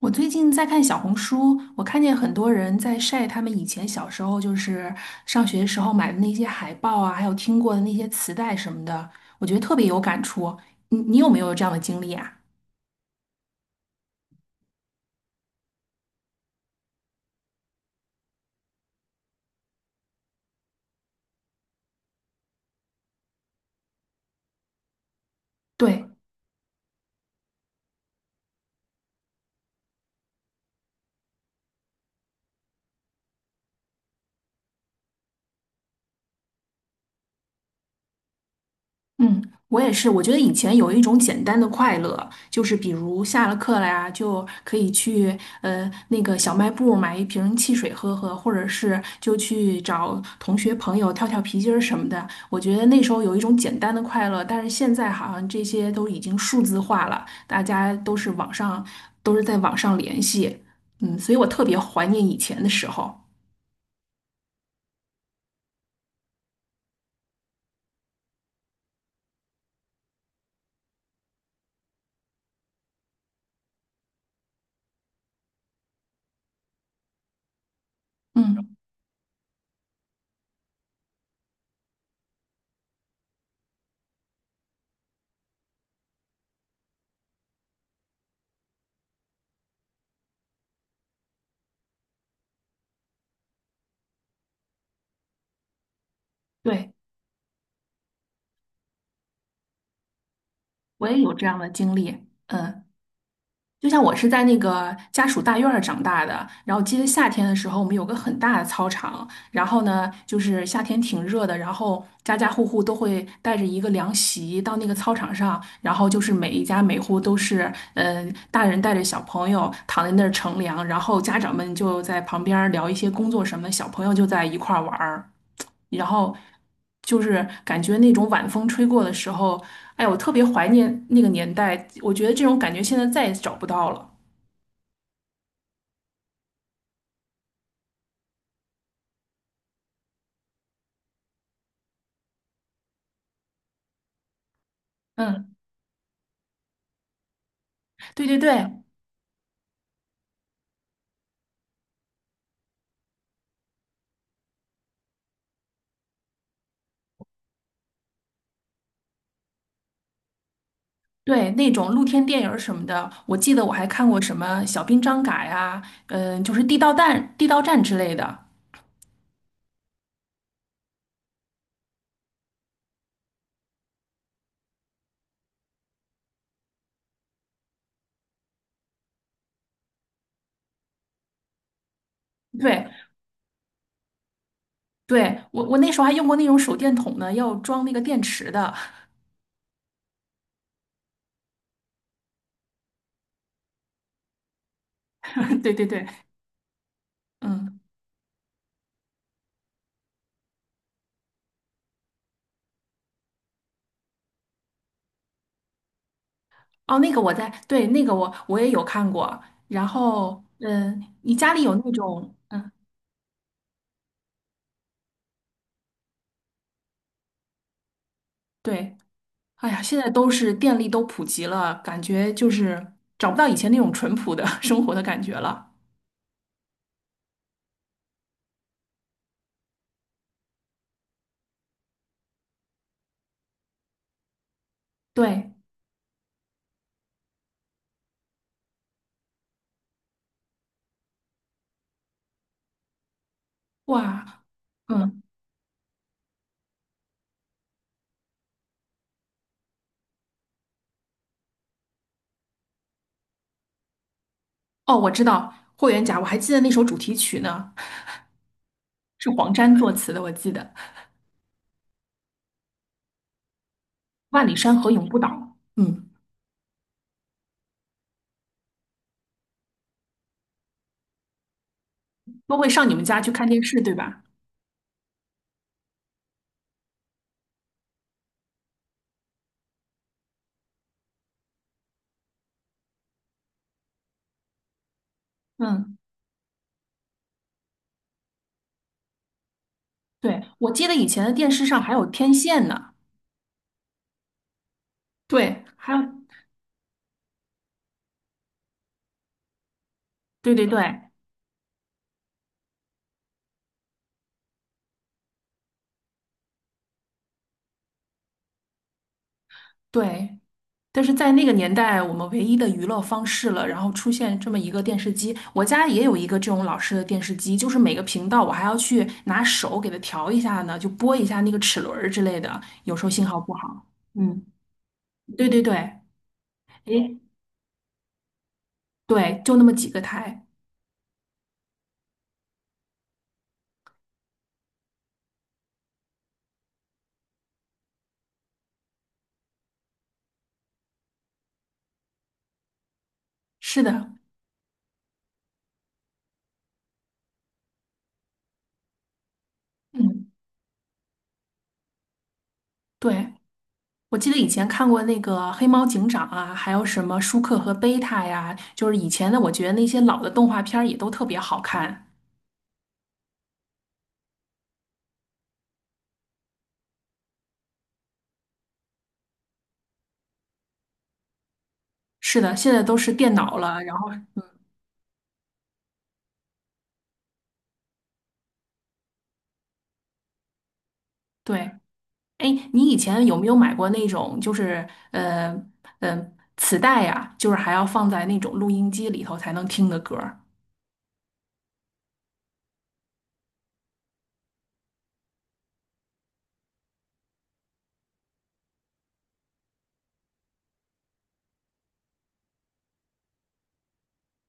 我最近在看小红书，我看见很多人在晒他们以前小时候，就是上学时候买的那些海报啊，还有听过的那些磁带什么的，我觉得特别有感触。你有没有这样的经历啊？对。嗯，我也是。我觉得以前有一种简单的快乐，就是比如下了课了呀，就可以去那个小卖部买一瓶汽水喝喝，或者是就去找同学朋友跳跳皮筋儿什么的。我觉得那时候有一种简单的快乐，但是现在好像这些都已经数字化了，大家都是网上都是在网上联系，嗯，所以我特别怀念以前的时候。嗯，对，我也有这样的经历。嗯。就像我是在那个家属大院儿长大的，然后记得夏天的时候，我们有个很大的操场，然后呢，就是夏天挺热的，然后家家户户都会带着一个凉席到那个操场上，然后就是每一家每户都是，嗯，大人带着小朋友躺在那儿乘凉，然后家长们就在旁边儿聊一些工作什么的小朋友就在一块儿玩儿。然后就是感觉那种晚风吹过的时候，哎，我特别怀念那个年代，我觉得这种感觉现在再也找不到了。嗯，对对对对，那种露天电影儿什么的，我记得我还看过什么《小兵张嘎》呀，嗯，就是《地道战》之类的。对对，我那时候还用过那种手电筒呢，要装那个电池的。对对对，嗯，哦，那个我在，对，那个我也有看过。然后，嗯，你家里有那种，嗯，对。哎呀，现在都是电力都普及了，感觉就是找不到以前那种淳朴的 生活的感觉了。对，哇，嗯，哦，我知道《霍元甲》，我还记得那首主题曲呢，是黄沾作词的，我记得《万里山河永不倒》。嗯，都会上你们家去看电视，对吧？嗯，对，我记得以前的电视上还有天线呢。对，还有，对对对对，但是在那个年代，我们唯一的娱乐方式了，然后出现这么一个电视机，我家也有一个这种老式的电视机，就是每个频道我还要去拿手给它调一下呢，就拨一下那个齿轮儿之类的，有时候信号不好。嗯，对对对，诶，对，就那么几个台。是的，嗯，对，我记得以前看过那个《黑猫警长》啊，还有什么舒克和贝塔呀，就是以前的，我觉得那些老的动画片儿也都特别好看。是的，现在都是电脑了，然后对。哎，你以前有没有买过那种，就是呃嗯、呃磁带呀、就是还要放在那种录音机里头才能听的歌儿？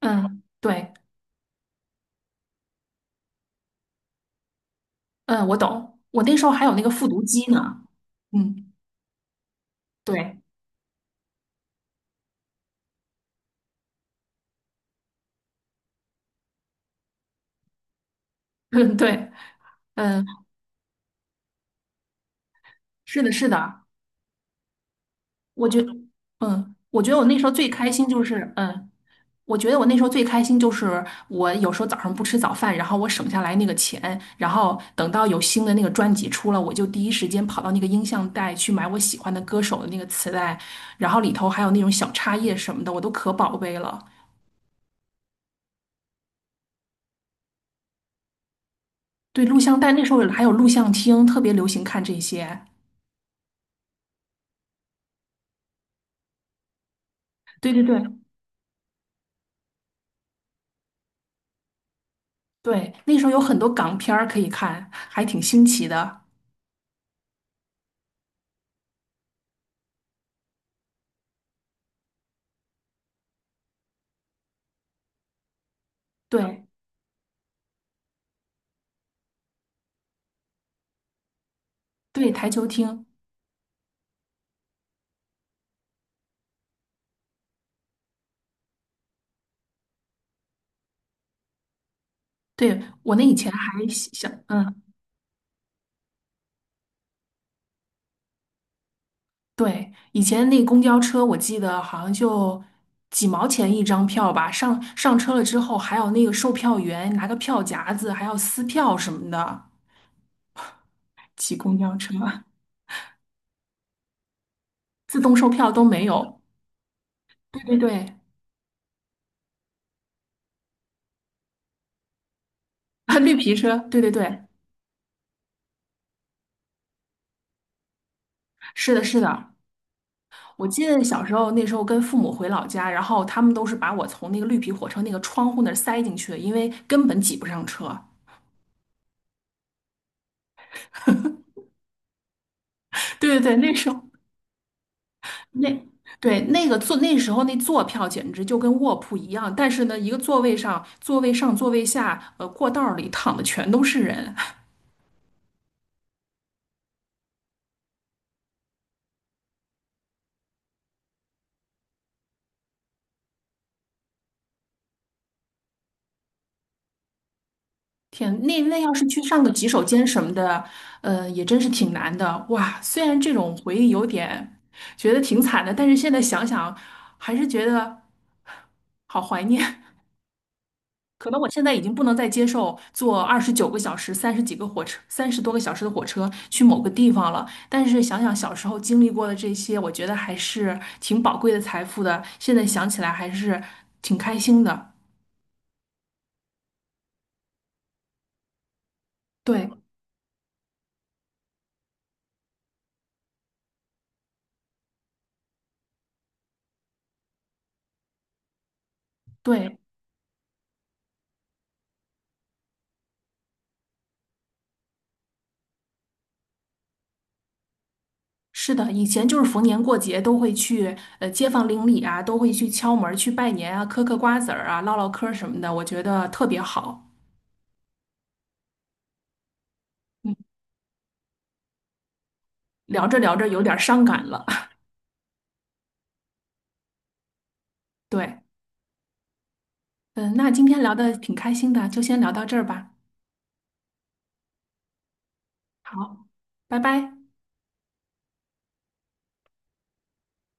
嗯，对，嗯，我懂。我那时候还有那个复读机呢。嗯，对，嗯，对，嗯，是的，是的。我觉嗯，我觉得我那时候最开心就是我有时候早上不吃早饭，然后我省下来那个钱，然后等到有新的那个专辑出了，我就第一时间跑到那个音像带去买我喜欢的歌手的那个磁带，然后里头还有那种小插页什么的，我都可宝贝了。对，录像带那时候还有录像厅，特别流行看这些。对对对对，那时候有很多港片儿可以看，还挺新奇的。对对，台球厅。对，我那以前还想，嗯，对，以前那公交车，我记得好像就几毛钱一张票吧。上车了之后，还有那个售票员拿个票夹子，还要撕票什么的。挤公交车，自动售票都没有。对对对，啊绿皮车 对对对，是的，是的。我记得小时候那时候跟父母回老家，然后他们都是把我从那个绿皮火车那个窗户那儿塞进去的，因为根本挤不上车。对对对，那那时候坐票简直就跟卧铺一样，但是呢，一个座位上、座位上、座位下，过道儿里躺的全都是人。天，那要是去上个洗手间什么的，也真是挺难的。哇，虽然这种回忆有点觉得挺惨的，但是现在想想，还是觉得好怀念。可能我现在已经不能再接受坐29个小时、30几个火车、30多个小时的火车去某个地方了。但是想想小时候经历过的这些，我觉得还是挺宝贵的财富的。现在想起来还是挺开心的。对对，是的，以前就是逢年过节都会去街坊邻里啊，都会去敲门儿、去拜年啊，嗑嗑瓜子儿啊，唠唠嗑儿什么的，我觉得特别好。嗯，聊着聊着有点儿伤感了。对，嗯，那今天聊的挺开心的，就先聊到这儿吧。好，拜拜。